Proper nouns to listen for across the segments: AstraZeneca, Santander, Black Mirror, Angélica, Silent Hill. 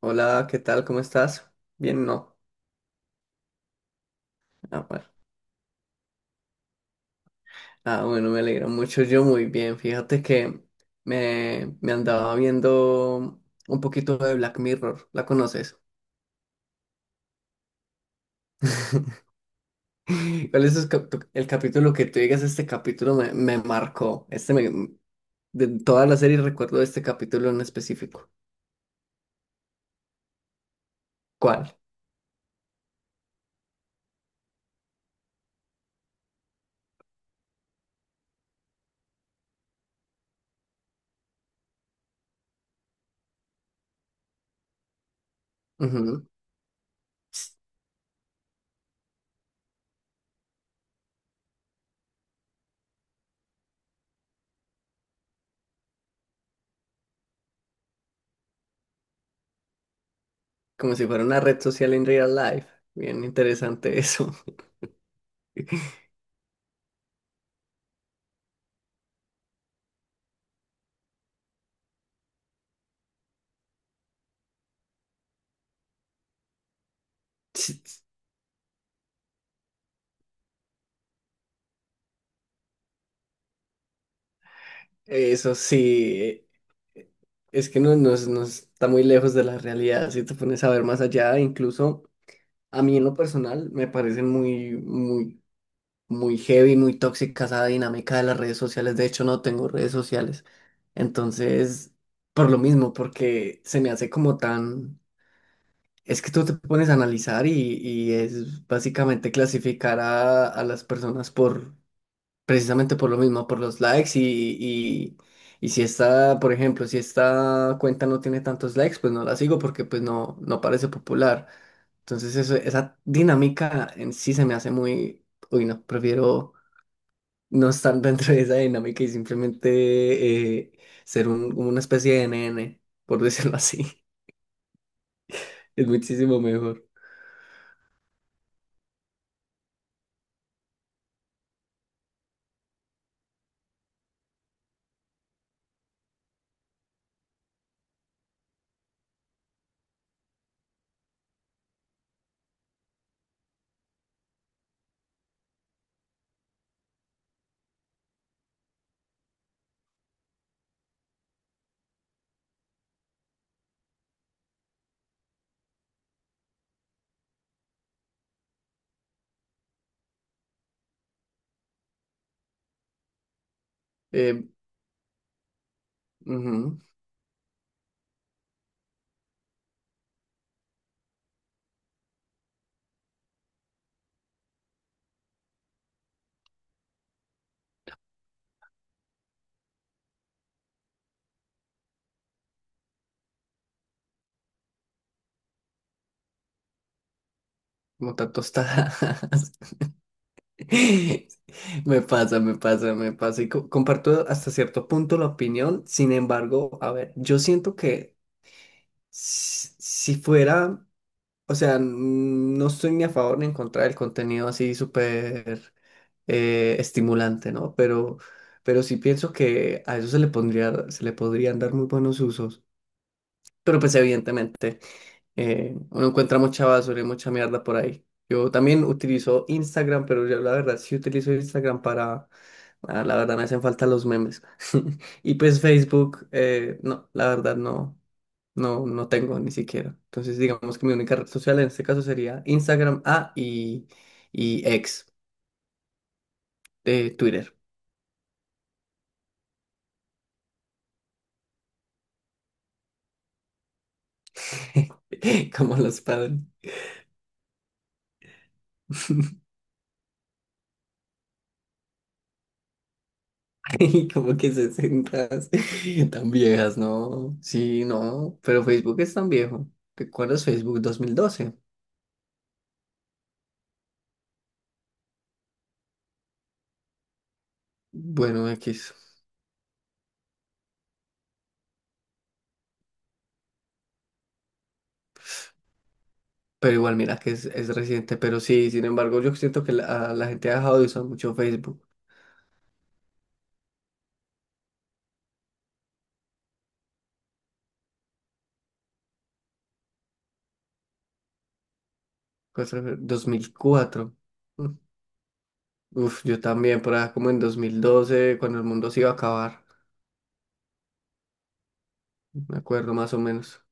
Hola, ¿qué tal? ¿Cómo estás? Bien, no. Ah, bueno. Ah, bueno, me alegra mucho. Yo muy bien. Fíjate que me andaba viendo un poquito de Black Mirror. ¿La conoces? ¿Cuál es sus el capítulo que tú digas? Este capítulo me marcó. De toda la serie recuerdo este capítulo en específico. ¿Cuál? Ujú. Como si fuera una red social en real life. Bien interesante eso. Eso sí. eh, es que no, no está muy lejos de la realidad, si te pones a ver más allá. Incluso a mí en lo personal me parecen muy, muy, muy heavy, muy tóxica esa dinámica de las redes sociales. De hecho no tengo redes sociales, entonces, por lo mismo, porque se me hace como tan... Es que tú te pones a analizar y es básicamente clasificar a las personas por... Precisamente por lo mismo, por los likes y si esta, por ejemplo, si esta cuenta no tiene tantos likes, pues no la sigo porque pues no parece popular. Entonces eso, esa dinámica en sí se me hace muy... Uy, no, prefiero no estar dentro de esa dinámica y simplemente ser una especie de NN, por decirlo así. Es muchísimo mejor. Eh, Ujú, como tostadas. Me pasa, me pasa, me pasa. Y comparto hasta cierto punto la opinión. Sin embargo, a ver, yo siento que si fuera, o sea, no estoy ni a favor ni en contra del contenido así súper estimulante, ¿no? Pero sí pienso que a eso se le pondría, se le podrían dar muy buenos usos. Pero pues evidentemente. Uno encuentra mucha basura y mucha mierda por ahí. Yo también utilizo Instagram, pero yo la verdad sí utilizo Instagram para... La verdad me hacen falta los memes. Y pues Facebook, no, la verdad no, no tengo ni siquiera. Entonces digamos que mi única red social en este caso sería Instagram, A y ex de Twitter. Como los padres. Y como que 60 tan viejas, ¿no? Sí, no, pero Facebook es tan viejo. ¿Recuerdas Facebook 2012? Bueno, X. Pero igual, mira que es reciente, pero sí, sin embargo, yo siento que la gente ha dejado de usar mucho Facebook. 2004. Mm. Uf, yo también, por ahí como en 2012, cuando el mundo se iba a acabar, me acuerdo más o menos.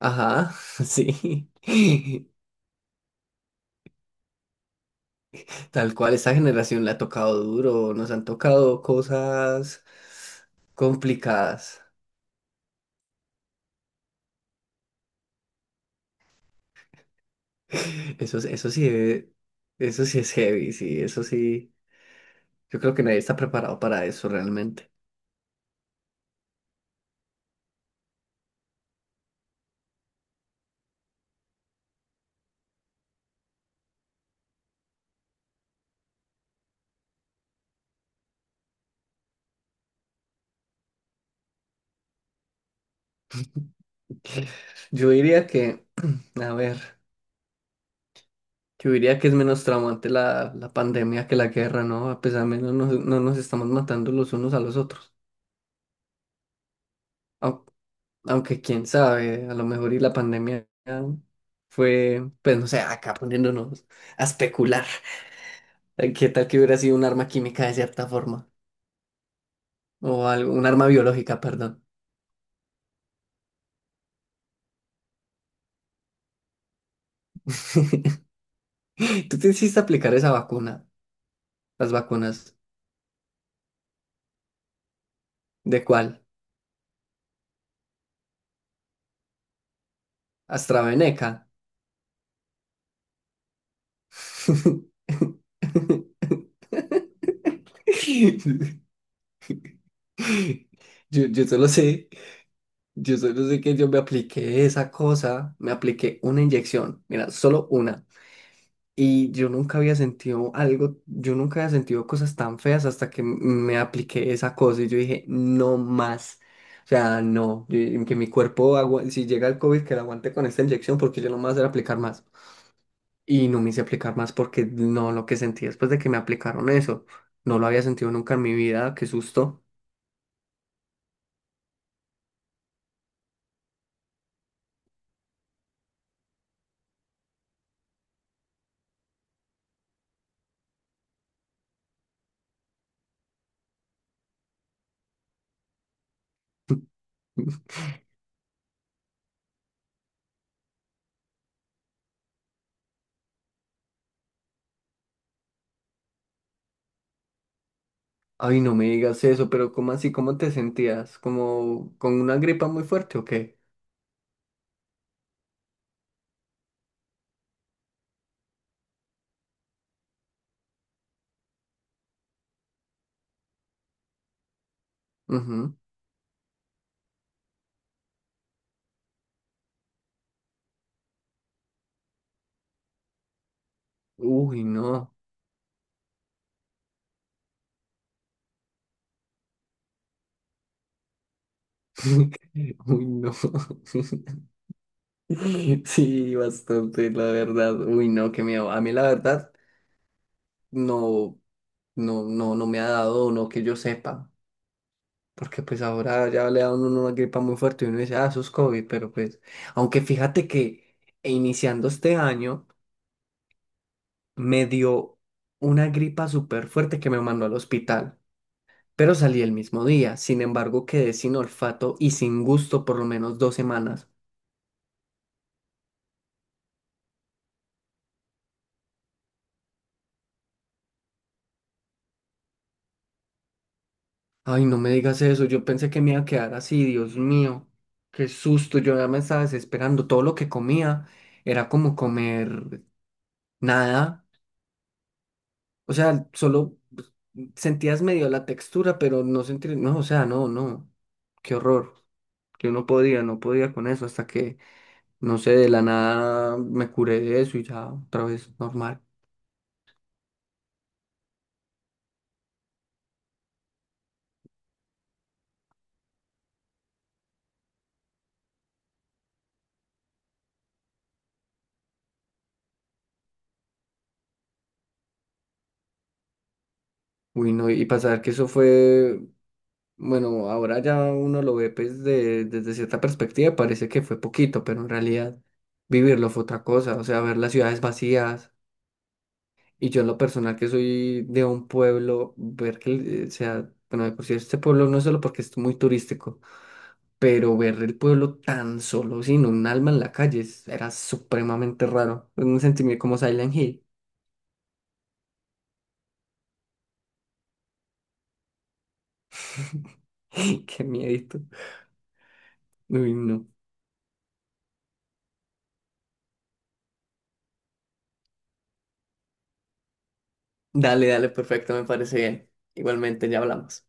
Ajá, sí. Tal cual, esta generación le ha tocado duro, nos han tocado cosas complicadas. Eso, eso sí, eso sí es heavy, sí, eso sí. Yo creo que nadie está preparado para eso realmente. Yo diría que, a ver, yo diría que es menos traumante la pandemia que la guerra, ¿no? A pesar menos no nos estamos matando los unos a los otros. Au- Aunque, quién sabe, a lo mejor y la pandemia fue, pues no sé, acá poniéndonos a especular. ¿Qué tal que hubiera sido un arma química de cierta forma? O algo, un arma biológica, perdón. Tú te hiciste aplicar esa vacuna, las vacunas. ¿De cuál? AstraZeneca. Yo solo sé, que yo me apliqué esa cosa, me apliqué una inyección, mira, solo una. Y yo nunca había sentido algo, yo nunca había sentido cosas tan feas hasta que me apliqué esa cosa y yo dije, no más. O sea, no, que mi cuerpo, si llega el COVID, que lo aguante con esta inyección porque yo no me voy a hacer aplicar más. Y no me hice aplicar más porque no, lo que sentí después de que me aplicaron eso, no lo había sentido nunca en mi vida, qué susto. Ay, no me digas eso, pero ¿cómo así? ¿Cómo te sentías? ¿Como con una gripa muy fuerte o qué? Ujú. Uy, no. Uy, no. Sí, bastante, la verdad. Uy, no, qué miedo. A mí la verdad no, no, no me ha dado, no que yo sepa. Porque pues ahora ya le da uno una gripa muy fuerte y uno dice, ah, eso es COVID, pero pues, aunque fíjate que iniciando este año me dio una gripa súper fuerte que me mandó al hospital, pero salí el mismo día. Sin embargo, quedé sin olfato y sin gusto por lo menos 2 semanas. Ay, no me digas eso, yo pensé que me iba a quedar así, Dios mío, qué susto, yo ya me estaba desesperando. Todo lo que comía era como comer nada, o sea, solo pues, sentías medio la textura, pero no sentías, no, o sea, no, no, qué horror. Yo no podía, no podía con eso hasta que, no sé, de la nada me curé de eso y ya otra vez normal. Uy, no, y pasar que eso fue... Bueno, ahora ya uno lo ve pues desde cierta perspectiva, parece que fue poquito, pero en realidad vivirlo fue otra cosa, o sea, ver las ciudades vacías y yo en lo personal que soy de un pueblo, ver que, o sea, bueno, de por sí este pueblo no es solo porque es muy turístico, pero ver el pueblo tan solo, sin un alma en la calle, era supremamente raro, un sentimiento como Silent Hill, qué miedito, uy, no. Dale, dale, perfecto, me parece bien, igualmente ya hablamos.